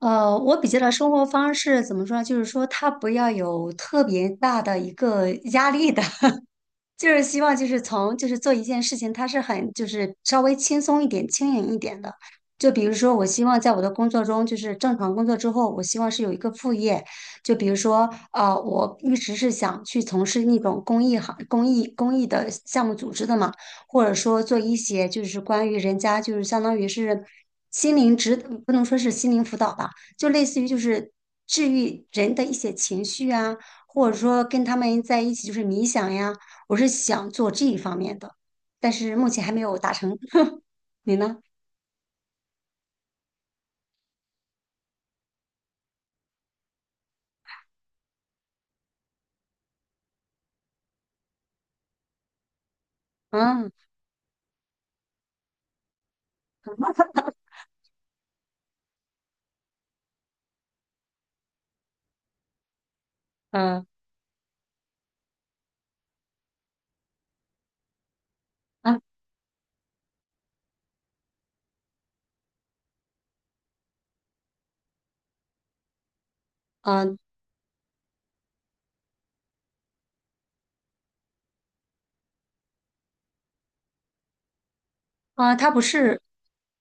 我比较的生活方式怎么说呢？就是说，他不要有特别大的一个压力的，就是希望就是从就是做一件事情，它是很就是稍微轻松一点、轻盈一点的。就比如说，我希望在我的工作中，就是正常工作之后，我希望是有一个副业。就比如说，我一直是想去从事那种公益行、公益、公益的项目组织的嘛，或者说做一些就是关于人家就是相当于是心灵指，不能说是心灵辅导吧，就类似于就是治愈人的一些情绪啊，或者说跟他们在一起就是冥想呀。我是想做这一方面的，但是目前还没有达成。你呢？嗯嗯嗯嗯，啊，他不是，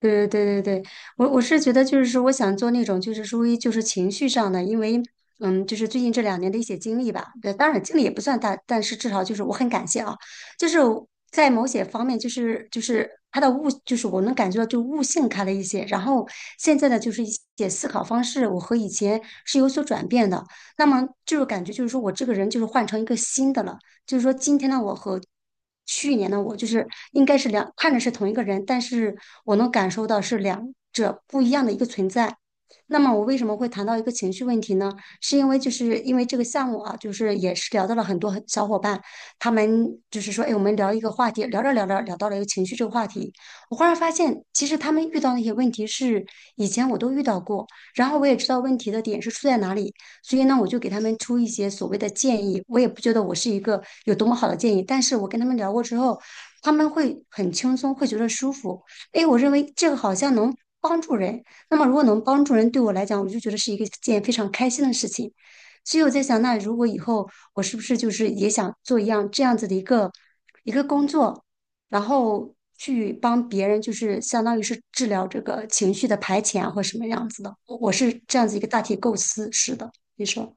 对对对对对，我是觉得就是说，我想做那种就是属于就是情绪上的，因为嗯，就是最近这两年的一些经历吧，对，当然经历也不算大，但是至少就是我很感谢啊，就是在某些方面就是就是他的悟，就是我能感觉到就悟性开了一些，然后现在的就是一些思考方式，我和以前是有所转变的，那么就是感觉就是说我这个人就是换成一个新的了。就是说今天的我和去年的我，就是应该是两，看着是同一个人，但是我能感受到是两者不一样的一个存在。那么我为什么会谈到一个情绪问题呢？是因为就是因为这个项目啊，就是也是聊到了很多很小伙伴，他们就是说，哎，我们聊一个话题，聊着聊着聊到了一个情绪这个话题，我忽然发现，其实他们遇到那些问题是以前我都遇到过，然后我也知道问题的点是出在哪里，所以呢，我就给他们出一些所谓的建议。我也不觉得我是一个有多么好的建议，但是我跟他们聊过之后，他们会很轻松，会觉得舒服。诶，我认为这个好像能帮助人。那么如果能帮助人，对我来讲，我就觉得是一个件非常开心的事情。所以我在想，那如果以后我是不是就是也想做一样这样子的一个工作，然后去帮别人，就是相当于是治疗这个情绪的排遣啊或什么样子的。我是这样子一个大体构思，是的。你说，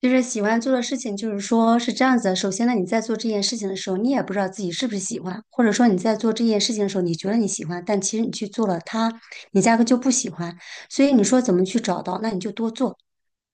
就是喜欢做的事情，就是说是这样子的。首先呢，你在做这件事情的时候，你也不知道自己是不是喜欢，或者说你在做这件事情的时候，你觉得你喜欢，但其实你去做了它，你压根就不喜欢。所以你说怎么去找到？那你就多做，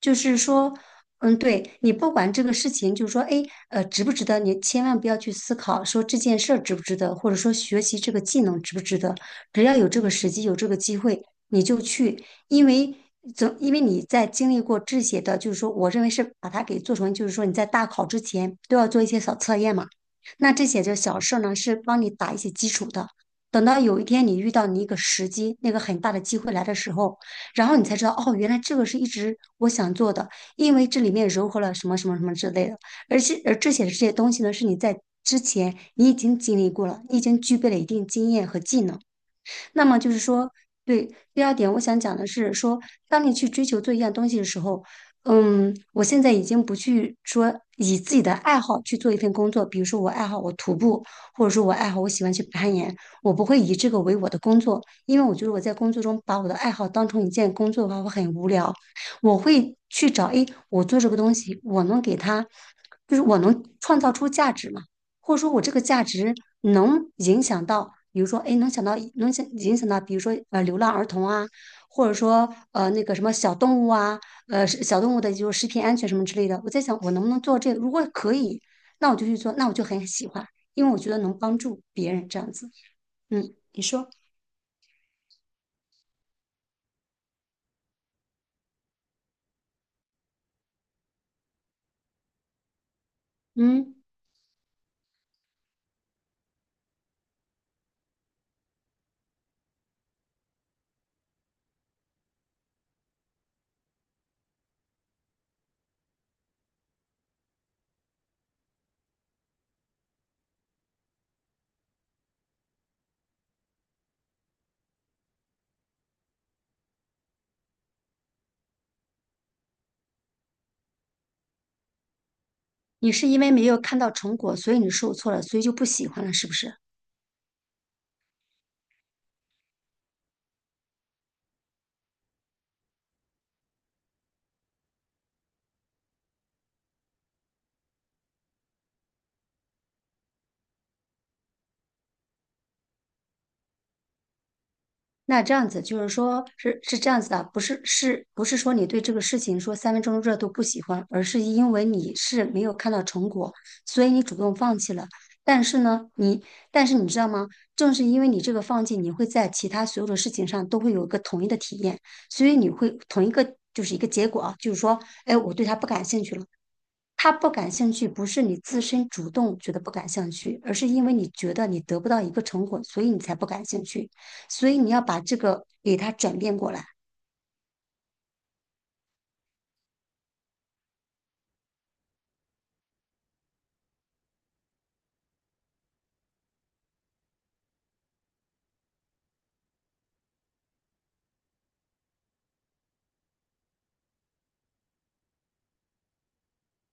就是说，嗯，对你不管这个事情，就是说，哎，值不值得？你千万不要去思考说这件事儿值不值得，或者说学习这个技能值不值得。只要有这个时机，有这个机会，你就去。因为总因为你在经历过这些的，就是说，我认为是把它给做成，就是说你在大考之前都要做一些小测验嘛。那这些就小事儿呢，是帮你打一些基础的。等到有一天你遇到你一个时机，那个很大的机会来的时候，然后你才知道，哦，原来这个是一直我想做的，因为这里面融合了什么什么什么之类的。而且，而这些东西呢，是你在之前你已经经历过了，你已经具备了一定经验和技能。那么就是说，对，第二点我想讲的是说，当你去追求做一样东西的时候，嗯，我现在已经不去说以自己的爱好去做一份工作，比如说我爱好我徒步，或者说我爱好我喜欢去攀岩，我不会以这个为我的工作，因为我觉得我在工作中把我的爱好当成一件工作的话，我很无聊。我会去找，诶，我做这个东西，我能给它，就是我能创造出价值嘛。或者说我这个价值能影响到，比如说，哎，能想到能想影响到，比如说流浪儿童啊，或者说那个什么小动物啊，是小动物的就是食品安全什么之类的。我在想，我能不能做这个？如果可以，那我就去做，那我就很喜欢，因为我觉得能帮助别人这样子。嗯，你说，嗯，你是因为没有看到成果，所以你受挫了，所以就不喜欢了，是不是？那这样子就是说，是是这样子的，不是是不是说你对这个事情说三分钟热度不喜欢，而是因为你是没有看到成果，所以你主动放弃了。但是呢，你但是你知道吗？正是因为你这个放弃，你会在其他所有的事情上都会有一个统一的体验，所以你会同一个就是一个结果啊，就是说，哎，我对他不感兴趣了。他不感兴趣，不是你自身主动觉得不感兴趣，而是因为你觉得你得不到一个成果，所以你才不感兴趣。所以你要把这个给他转变过来。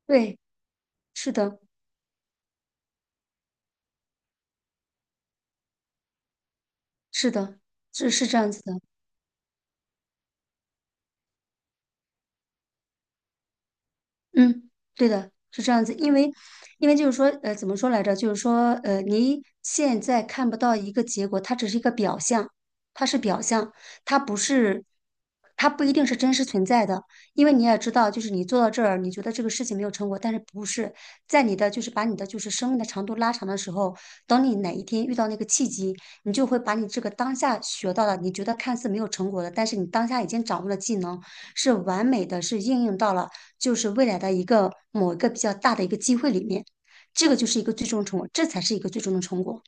对，是的，是的，是是这样子的。嗯，对的，是这样子，因为，因为就是说，怎么说来着？就是说，你现在看不到一个结果，它只是一个表象，它是表象，它不是，它不一定是真实存在的。因为你也知道，就是你做到这儿，你觉得这个事情没有成果，但是不是在你的就是把你的就是生命的长度拉长的时候，等你哪一天遇到那个契机，你就会把你这个当下学到的，你觉得看似没有成果的，但是你当下已经掌握了技能是完美的，是应用到了。就是未来的一个某一个比较大的一个机会里面，这个就是一个最终成果，这才是一个最终的成果。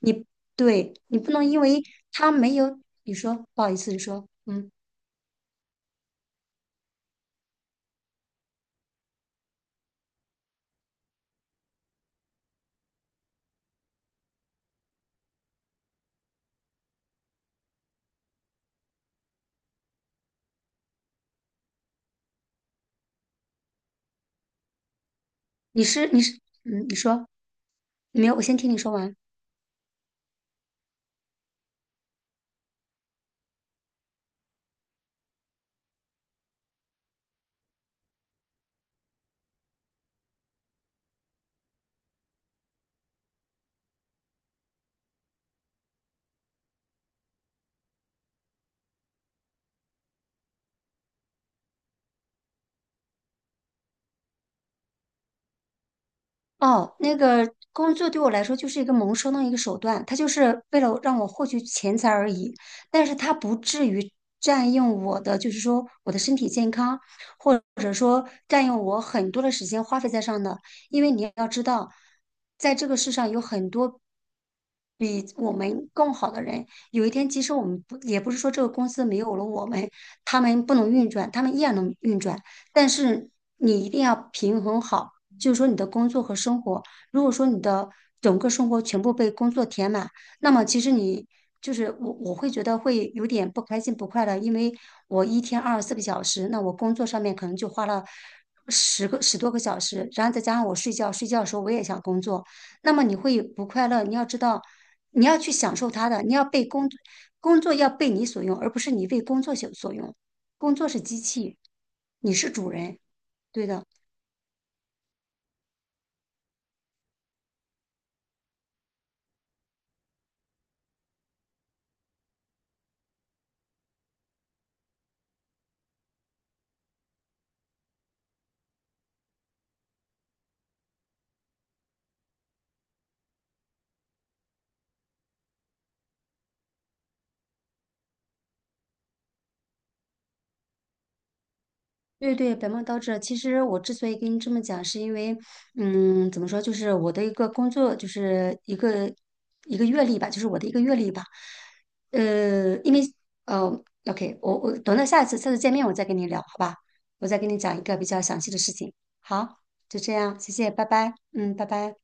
你对你不能因为他没有，你说不好意思，你说嗯，你是你是嗯，你说没有，我先听你说完。哦，那个工作对我来说就是一个谋生的一个手段，它就是为了让我获取钱财而已，但是它不至于占用我的，就是说我的身体健康，或者说占用我很多的时间花费在上的。因为你要知道，在这个世上有很多比我们更好的人，有一天即使我们不，也不是说这个公司没有了我们，他们不能运转，他们依然能运转，但是你一定要平衡好。就是说你的工作和生活，如果说你的整个生活全部被工作填满，那么其实你就是我，我会觉得会有点不开心、不快乐，因为我一天24个小时，那我工作上面可能就花了10多个小时，然后再加上我睡觉，睡觉的时候我也想工作，那么你会不快乐。你要知道，你要去享受它的，你要被工工作要被你所用，而不是你为工作所用。工作是机器，你是主人，对的。对对，本末倒置。其实我之所以跟你这么讲，是因为，嗯，怎么说，就是我的一个工作，就是一个一个阅历吧，就是我的一个阅历吧。呃，因为呃，OK，我等到下一次见面我再跟你聊，好吧？我再跟你讲一个比较详细的事情。好，就这样，谢谢，拜拜。嗯，拜拜。